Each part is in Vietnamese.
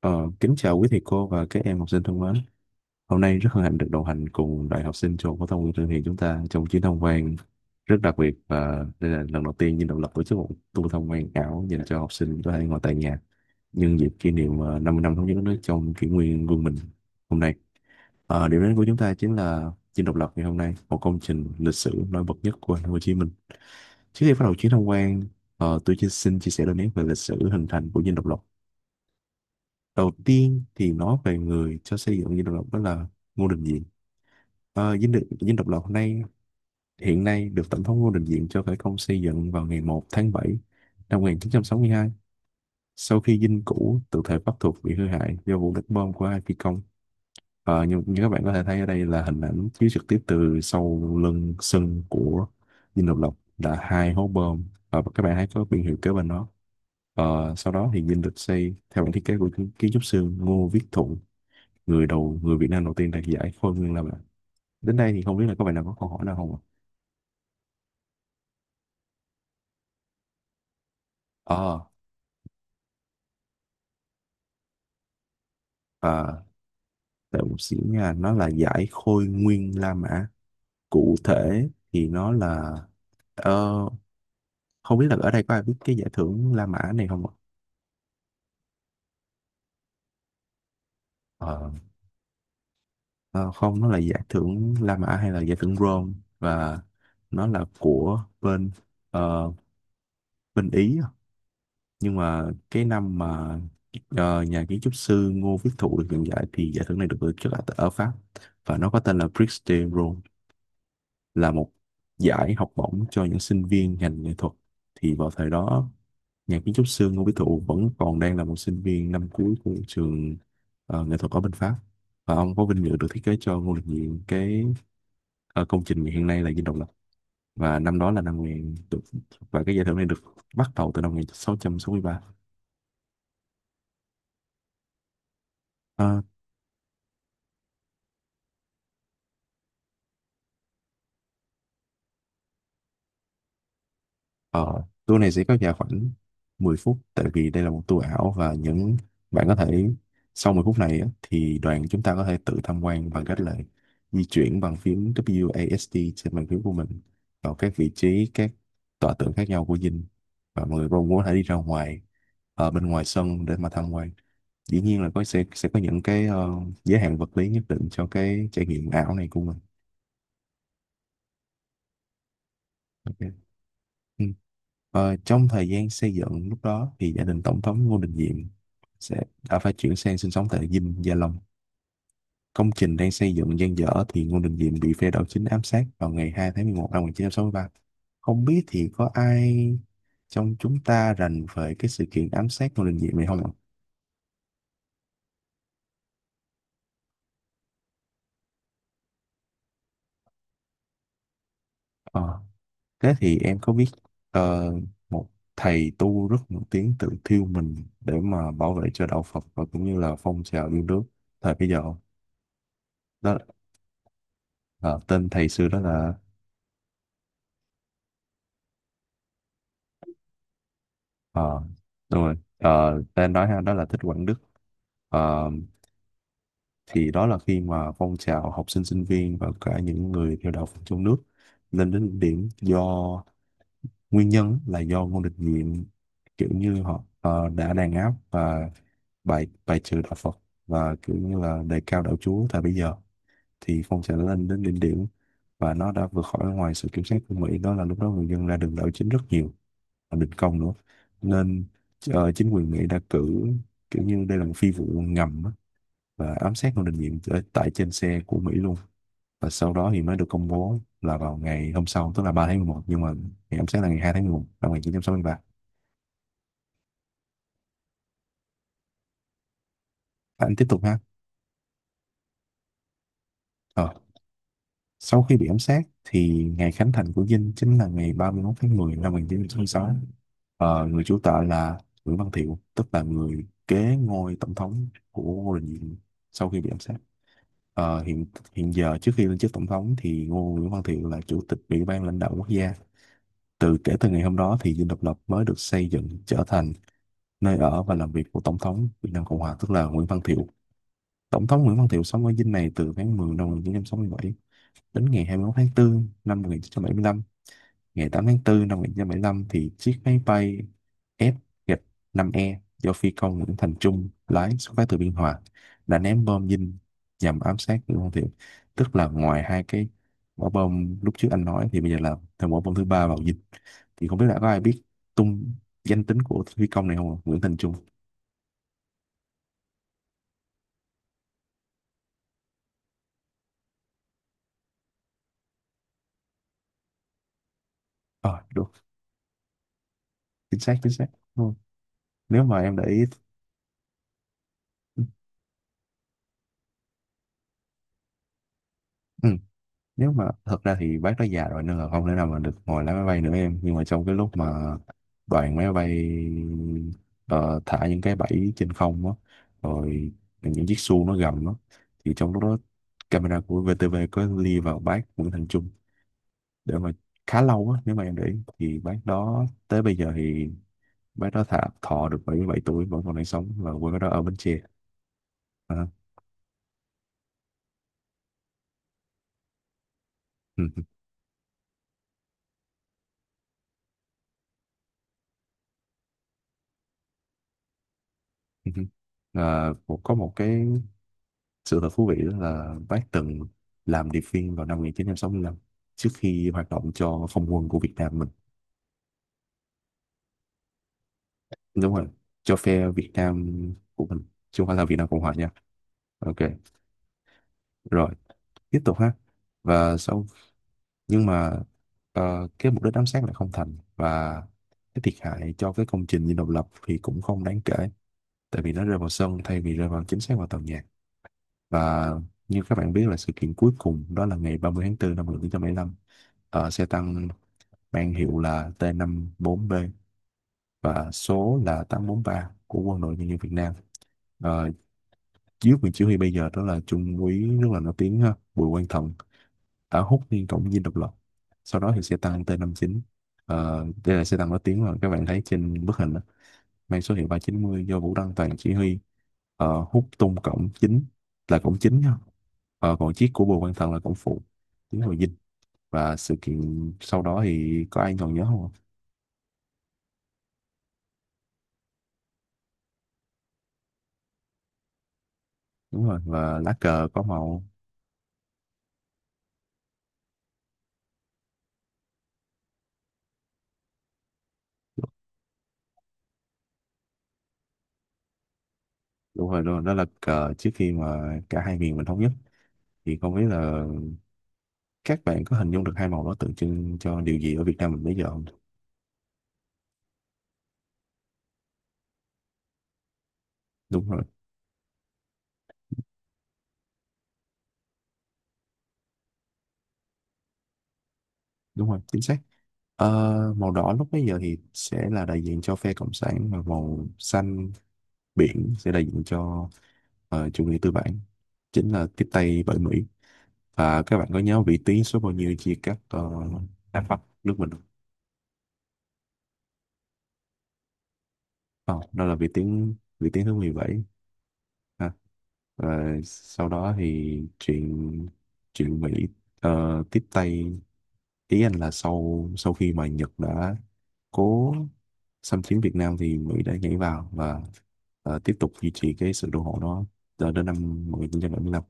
Ờ, Kính chào quý thầy cô và các em học sinh thân mến. Hôm nay rất hân hạnh được đồng hành cùng đoàn học sinh trường phổ thông Nguyễn Trương Hiền chúng ta trong chuyến tham quan rất đặc biệt, và đây là lần đầu tiên Dinh Độc Lập tổ chức một tour tham quan ảo dành cho học sinh có thể ngồi tại nhà nhân dịp kỷ niệm 50 năm thống nhất đất nước trong kỷ nguyên quân mình hôm nay. Điểm đến của chúng ta chính là Dinh Độc Lập ngày hôm nay, một công trình lịch sử nổi bật nhất của thành phố Hồ Chí Minh. Trước khi bắt đầu chuyến tham quan, tôi chỉ xin chia sẻ đôi nét về lịch sử hình thành của Dinh Độc Lập. Đầu tiên thì nói về người cho xây dựng Dinh Độc Lập, đó là Ngô Đình Diệm. Dinh Độc Lập hôm nay hiện nay được Tổng thống Ngô Đình Diệm cho khởi công xây dựng vào ngày 1 tháng 7 năm 1962, sau khi dinh cũ tự thể Bắc thuộc bị hư hại do vụ đánh bom của hai phi công. Như các bạn có thể thấy ở đây là hình ảnh chiếu trực tiếp từ sau lưng sân của Dinh Độc Lập là hai hố bom. Và các bạn thấy có biển hiệu kế bên đó. Sau đó thì dinh được xây theo bản thiết kế của kiến kiến trúc sư Ngô Viết Thuận, người Việt Nam đầu tiên đạt giải Khôi Nguyên Lam ạ. Đến đây thì không biết là các bạn nào có câu hỏi nào không ạ? Ờ, à, Đợi một xíu nha, nó là giải Khôi Nguyên La Mã. Cụ thể thì nó là, ờ, không biết là ở đây có ai biết cái giải thưởng La Mã này không ạ? Ờ, ờ, Không, nó là giải thưởng La Mã hay là giải thưởng Rome, và nó là của bên, ờ, bên Ý. Nhưng mà cái năm mà nhà kiến trúc sư Ngô Viết Thụ được nhận giải thì giải thưởng này được tổ chức ở Pháp, và nó có tên là Prix de Rome, là một giải học bổng cho những sinh viên ngành nghệ thuật. Thì vào thời đó nhà kiến trúc sư Ngô Viết Thụ vẫn còn đang là một sinh viên năm cuối của trường nghệ thuật ở bên Pháp, và ông có vinh dự được thiết kế cho Ngô Đình Diệm cái công trình hiện nay là Dinh Độc Lập. Và năm đó là năm 1000 được, và cái giải thưởng này được bắt đầu từ năm 1663. Ờ, Tour này sẽ kéo dài khoảng 10 phút tại vì đây là một tour ảo, và những bạn có thể sau 10 phút này á, thì đoàn chúng ta có thể tự tham quan bằng cách là di chuyển bằng phím w a s d trên bàn phím của mình vào các vị trí, các tọa tượng khác nhau của dinh, và mọi người cũng có thể đi ra ngoài ở bên ngoài sân để mà tham quan. Dĩ nhiên là có sẽ có những cái giới hạn vật lý nhất định cho cái trải nghiệm ảo này của mình. Ok. Ừ. Trong thời gian xây dựng lúc đó thì gia đình Tổng thống Ngô Đình Diệm sẽ đã phải chuyển sang sinh sống tại Dinh Gia Long. Công trình đang xây dựng dang dở thì Ngô Đình Diệm bị phe đảo chính ám sát vào ngày 2 tháng 11 năm 1963. Không biết thì có ai trong chúng ta rành về cái sự kiện ám sát Ngô Đình Diệm này không ạ? Ờ, Thế thì em có biết ờ, một thầy tu rất nổi tiếng tự thiêu mình để mà bảo vệ cho đạo Phật và cũng như là phong trào yêu nước thời bây giờ không? Đó. Ờ, Tên thầy xưa đó là, ờ, đúng rồi, tên nói ha đó là Thích Quảng Đức. Ờ, thì đó là khi mà phong trào học sinh sinh viên và cả những người theo đạo Phật trong nước lên đến đỉnh điểm do nguyên nhân là do Ngô Đình Diệm, kiểu như họ đã đàn áp và bài bài trừ đạo Phật và kiểu như là đề cao đạo Chúa tại bây giờ, thì phong trào đã lên đến đỉnh điểm và nó đã vượt khỏi ngoài sự kiểm soát của Mỹ. Đó là lúc đó người dân ra đường đảo chính rất nhiều, đình công nữa, nên chính quyền Mỹ đã cử, kiểu như đây là một phi vụ ngầm á, và ám sát Ngô Đình Diệm ở tại trên xe của Mỹ luôn. Và sau đó thì mới được công bố là vào ngày hôm sau, tức là 3 tháng 11, nhưng mà ngày ám sát là ngày 2 tháng 11 năm 1963. Anh tiếp tục ha. ờ. Sau khi bị ám sát thì ngày khánh thành của Dinh chính là ngày 31 tháng 10 năm 1966. Người chủ tọa là Nguyễn Văn Thiệu, tức là người kế ngôi tổng thống của Ngô Đình Diệm sau khi bị ám sát. Ờ, hiện Hiện giờ, trước khi lên chức tổng thống thì Nguyễn Văn Thiệu là chủ tịch Ủy ban lãnh đạo quốc gia. Kể từ ngày hôm đó thì Dinh Độc Lập mới được xây dựng trở thành nơi ở và làm việc của tổng thống Việt Nam Cộng Hòa, tức là Nguyễn Văn Thiệu. Tổng thống Nguyễn Văn Thiệu sống ở dinh này từ tháng 10 năm 1967 đến ngày 21 tháng 4 năm 1975. Ngày 8 tháng 4 năm 1975 thì chiếc máy bay F-5E do phi công Nguyễn Thành Trung lái, xuất phát từ Biên Hòa, đã ném bom dinh nhằm ám sát Nguyễn Văn Thiệu. Tức là ngoài hai cái quả bom lúc trước anh nói, thì bây giờ là thêm quả bom thứ ba vào dinh. Thì không biết là có ai biết tung danh tính của phi công này không ạ? Nguyễn Thành Trung. Ờ, Đúng. Chính xác, chính xác. Đúng không? Nếu mà em để ý... Ừ. Nếu mà thật ra thì bác đã già rồi nên là không thể nào mà được ngồi lái máy bay nữa em, nhưng mà trong cái lúc mà đoàn máy bay ờ, thả những cái bẫy trên không á, rồi những chiếc xu nó gầm đó, thì trong lúc đó camera của VTV có li vào bác Nguyễn Thành Trung để mà khá lâu á, nếu mà em để ý. Thì bác đó tới bây giờ thì bác đó thả thọ được 77 tuổi, vẫn còn đang sống và quê bác đó ở Bến Tre. À, ừ, ừ, ừ. À, có một cái sự thật thú vị đó là bác từng làm điệp viên vào năm 1965 trước khi hoạt động cho không quân của Việt Nam mình. Đúng rồi, cho phe Việt Nam của mình, chứ không phải là Việt Nam Cộng Hòa nha. Ok, rồi, tiếp tục ha. Và sau, nhưng mà cái mục đích ám sát lại không thành, và cái thiệt hại cho cái công trình dinh độc lập thì cũng không đáng kể tại vì nó rơi vào sân thay vì rơi vào chính xác vào tàu nhạc. Và như các bạn biết là sự kiện cuối cùng đó là ngày 30 tháng 4 năm một nghìn chín trăm bảy mươi lăm, xe tăng mang hiệu là t bốn b và số là 843 của Quân đội Nhân dân Việt Nam. Ờ, Dưới quyền chỉ huy bây giờ, đó là Trung úy rất là nổi tiếng ha, Bùi Quang Thận, đã hút liên cổng dinh độc lập. Sau đó thì xe tăng T59, đây là xe tăng nổi tiếng mà các bạn thấy trên bức hình đó, mang số hiệu 390 do Vũ Đăng Toàn chỉ huy, hút tung cổng chính, là cổng chính ha. Còn chiếc của Bùi Quang Thận là cổng phụ tiến vào dinh. Và sự kiện sau đó thì có ai còn nhớ không ạ? Đúng rồi, và lá cờ có màu, đúng rồi luôn, đó là cờ trước khi mà cả hai miền mình thống nhất. Thì không biết là các bạn có hình dung được hai màu đó tượng trưng cho điều gì ở Việt Nam mình bây giờ không? Đúng rồi. Đúng rồi, chính xác. Ờ, Màu đỏ lúc bây giờ thì sẽ là đại diện cho phe cộng sản, và màu xanh biển sẽ đại diện cho chủ nghĩa tư bản, chính là tiếp tay bởi Mỹ. Và các bạn có nhớ vĩ tuyến số bao nhiêu chia cắt Nam Bắc nước mình không? Không, đó là vĩ tuyến thứ 17 ha. Rồi sau đó thì chuyện chuyện Mỹ tiếp tay, ý anh là sau sau khi mà Nhật đã cố xâm chiếm Việt Nam thì Mỹ đã nhảy vào và tiếp tục duy trì cái sự đô hộ đó cho đến năm 1975.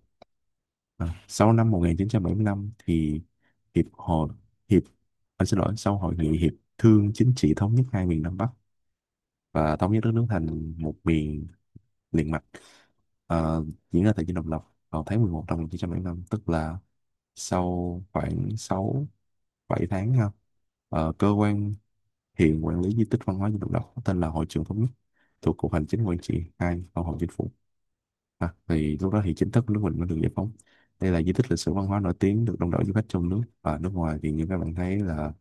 À, sau năm 1975 thì hiệp hội hiệp anh xin lỗi, sau hội nghị hiệp thương chính trị thống nhất hai miền Nam Bắc và thống nhất đất nước thành một miền liền mạch, ờ, diễn ra tại Dinh Độc Lập vào tháng 11 năm 1975, tức là sau khoảng 6 7 tháng ha. Cơ quan hiện quản lý di tích văn hóa Dinh Độc Lập có tên là Hội trường Thống nhất, thuộc Cục Hành chính Quản trị 2 Văn phòng Chính phủ. À, thì lúc đó thì chính thức nước mình mới được giải phóng. Đây là di tích lịch sử văn hóa nổi tiếng được đông đảo du khách trong nước và nước ngoài, thì như các bạn thấy là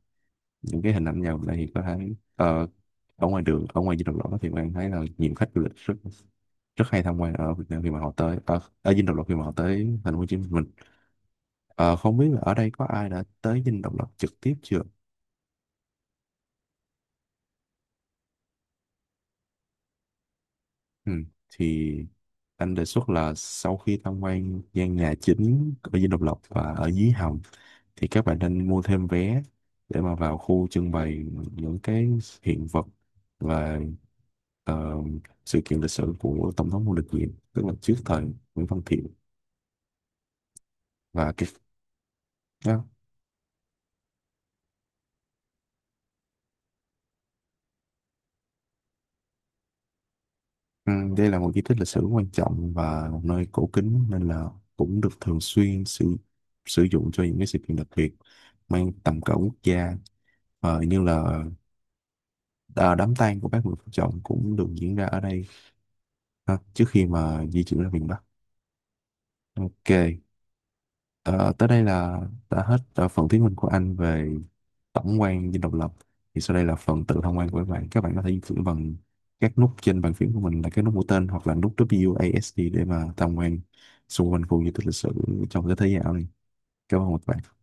những cái hình ảnh vào đây thì có thấy ở ngoài đường, ở ngoài Dinh Độc Lập đó, thì các bạn thấy là nhiều khách du lịch rất rất hay tham quan ở Việt Nam khi mà họ tới ở Dinh Độc Lập, khi mà họ tới thành phố Hồ Chí Minh. Ờ, Không biết là ở đây có ai đã tới Dinh Độc Lập trực tiếp chưa? Ừ. Thì anh đề xuất là sau khi tham quan gian nhà chính ở Dinh Độc Lập và ở dưới hầm, thì các bạn nên mua thêm vé để mà vào khu trưng bày những cái hiện vật và ờ, sự kiện lịch sử của Tổng thống Ngô Đình Diệm, tức là trước thời Nguyễn Văn Thiệu và cái đó. Ừ, đây là một di tích lịch sử quan trọng và một nơi cổ kính, nên là cũng được thường xuyên sử dụng cho những cái sự kiện đặc biệt mang tầm cỡ quốc gia. Như là, à, đám tang của bác Nguyễn Phú Trọng cũng được diễn ra ở đây ha, trước khi mà di chuyển ra miền Bắc. Ok, ờ, tới đây là đã hết phần thuyết minh của anh về tổng quan dinh độc lập. Thì sau đây là phần tự tham quan của các bạn, các bạn có thể di chuyển bằng các nút trên bàn phím của mình là cái nút mũi tên hoặc là nút WASD để mà tham quan xung quanh khu di tích lịch sử trong cái thế giới ảo này. Cảm ơn các bạn.